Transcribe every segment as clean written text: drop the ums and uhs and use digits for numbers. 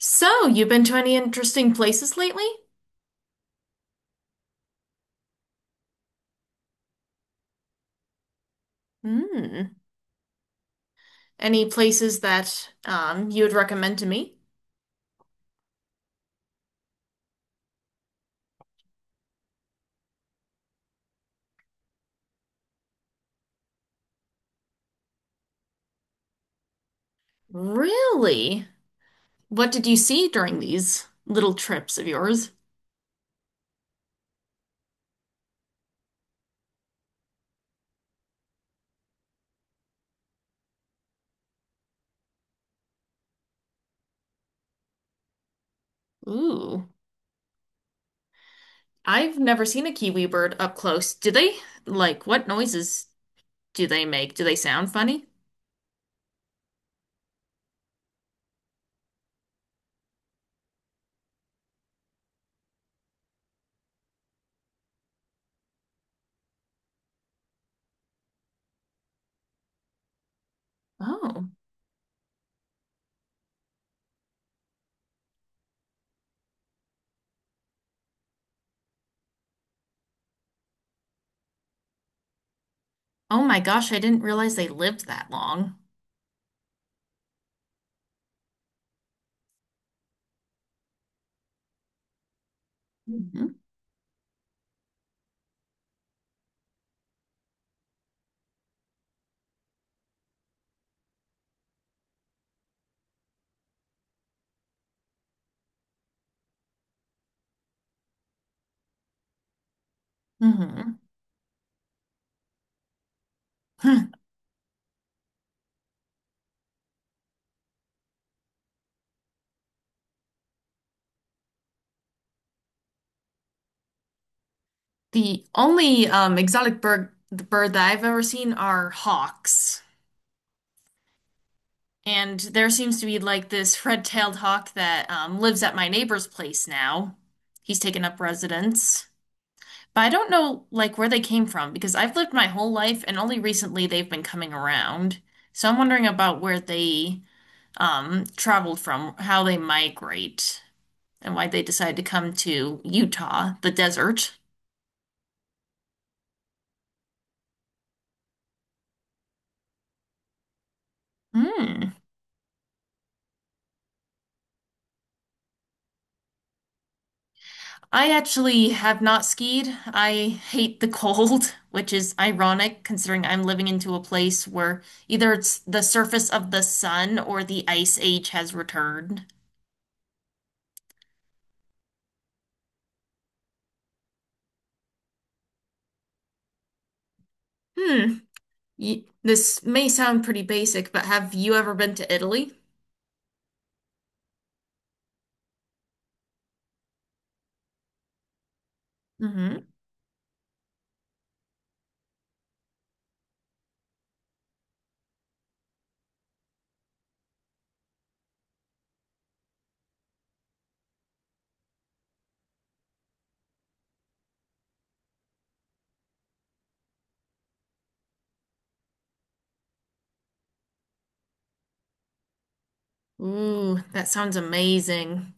So, you've been to any interesting places lately? Hmm. Any places that you would recommend to me? Really? What did you see during these little trips of yours? Ooh, I've never seen a kiwi bird up close. Do they, like, what noises do they make? Do they sound funny? Oh. Oh my gosh, I didn't realize they lived that long. hmm hmm The only exotic bird the bird that I've ever seen are hawks. And there seems to be like this red-tailed hawk that lives at my neighbor's place now. He's taken up residence. But I don't know like where they came from because I've lived my whole life and only recently they've been coming around. So I'm wondering about where they traveled from, how they migrate, and why they decided to come to Utah, the desert. Hmm. I actually have not skied. I hate the cold, which is ironic considering I'm living into a place where either it's the surface of the sun or the ice age has returned. Hmm. Y This may sound pretty basic, but have you ever been to Italy? Mm-hmm. Ooh, that sounds amazing.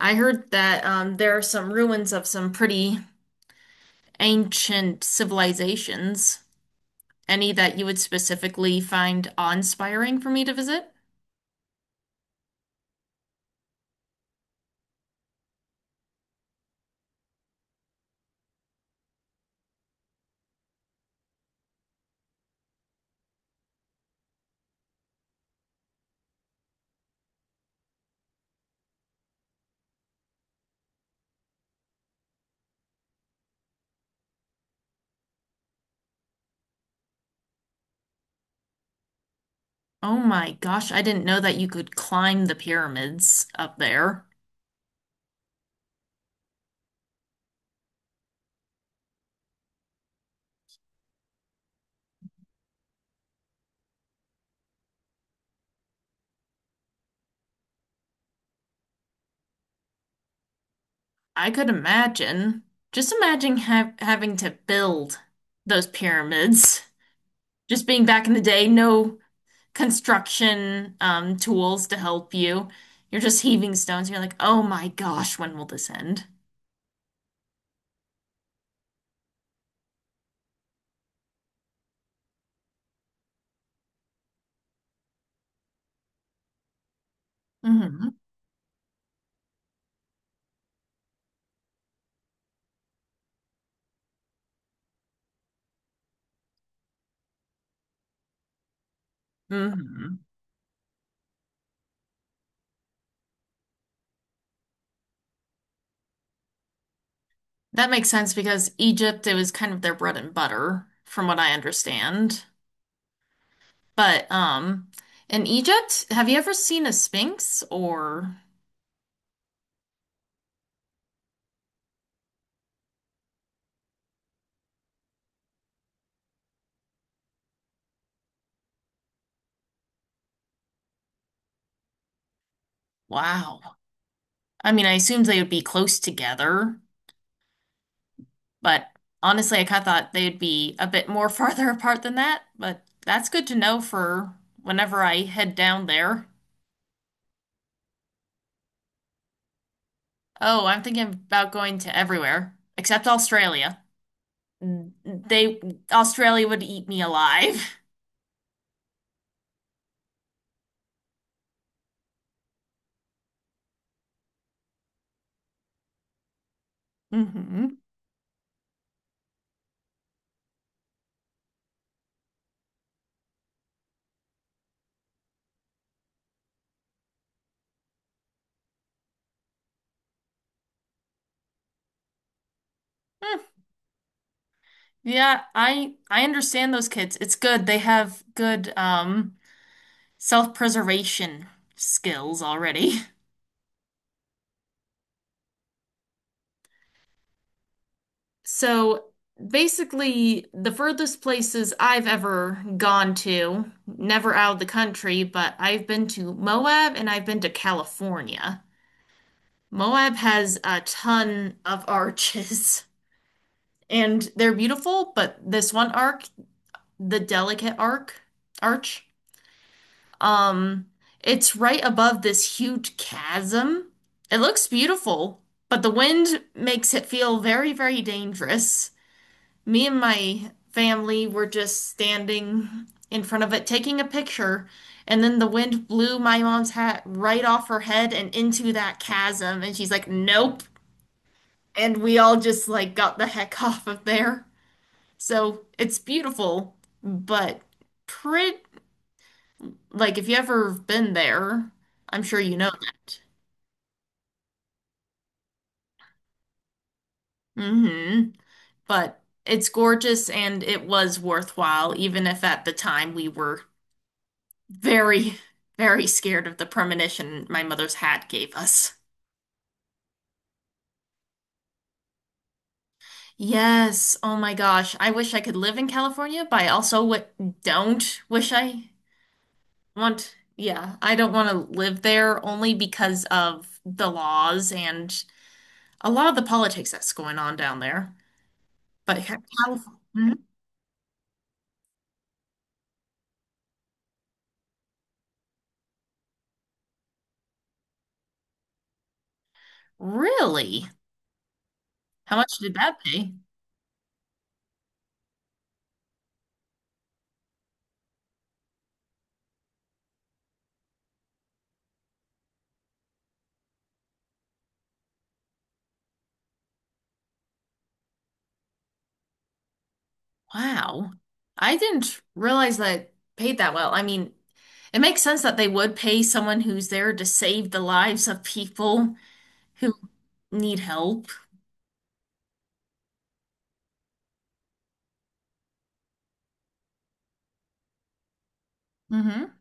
I heard that there are some ruins of some pretty ancient civilizations. Any that you would specifically find awe-inspiring for me to visit? Oh my gosh, I didn't know that you could climb the pyramids up there. I could imagine. Just imagine ha having to build those pyramids. Just being back in the day, no construction tools to help you. You're just heaving stones. You're like, oh my gosh, when will this end? hmm hmm That makes sense because Egypt, it was kind of their bread and butter, from what I understand. But in Egypt, have you ever seen a Sphinx or wow. I mean, I assumed they would be close together, but honestly, I kind of thought they'd be a bit more farther apart than that, but that's good to know for whenever I head down there. Oh, I'm thinking about going to everywhere except Australia. They Australia would eat me alive. hmm Yeah, I understand those kids. It's good. They have good self-preservation skills already. So basically, the furthest places I've ever gone to, never out of the country, but I've been to Moab and I've been to California. Moab has a ton of arches, and they're beautiful, but this one arc, the delicate arc, arch, Um, it's right above this huge chasm. It looks beautiful, but the wind makes it feel very, very dangerous. Me and my family were just standing in front of it taking a picture, and then the wind blew my mom's hat right off her head and into that chasm, and she's like, "Nope." And we all just like got the heck off of there. So, it's beautiful, but pretty like if you ever been there, I'm sure you know that. Hmm. But it's gorgeous and it was worthwhile, even if at the time we were very, very scared of the premonition my mother's hat gave us. Yes, oh my gosh. I wish I could live in California, but I also w don't yeah, I don't want to live there only because of the laws and a lot of the politics that's going on down there. But California. Really? How much did that pay? Wow. I didn't realize that it paid that well. I mean, it makes sense that they would pay someone who's there to save the lives of people who need help. Hmm.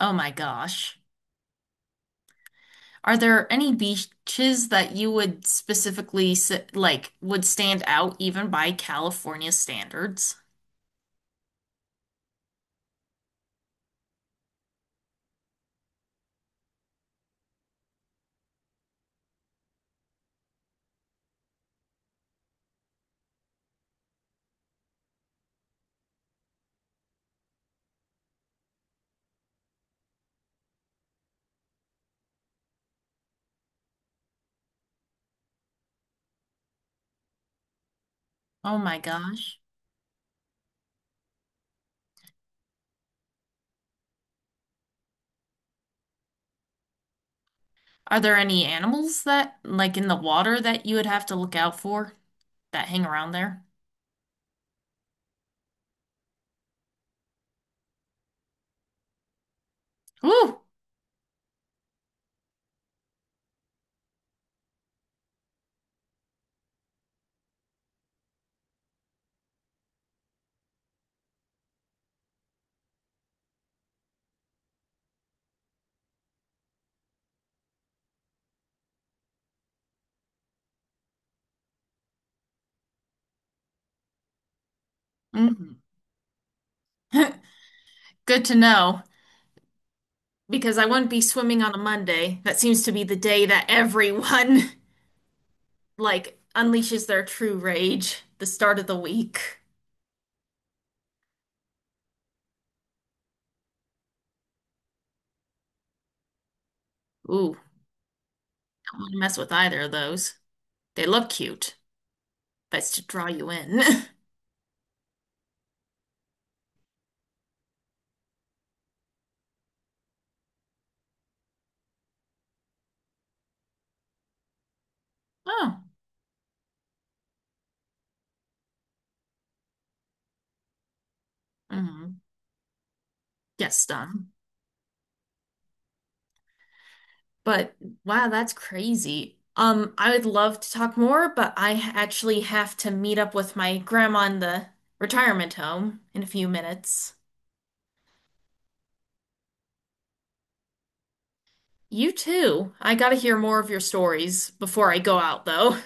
Oh my gosh. Are there any beaches that you would specifically like would stand out even by California standards? Oh my gosh. Are there any animals that like in the water that you would have to look out for that hang around there? Ooh. Hmm. Good to know because I wouldn't be swimming on a Monday. That seems to be the day that everyone like unleashes their true rage, the start of the week. Ooh, don't want to mess with either of those. They look cute. That's to draw you in. Oh, mm, get stung. But wow, that's crazy. I would love to talk more, but I actually have to meet up with my grandma in the retirement home in a few minutes. You too. I gotta hear more of your stories before I go out, though.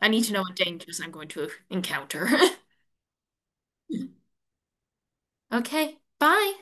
I need to know what dangers I'm going to encounter. Okay, bye.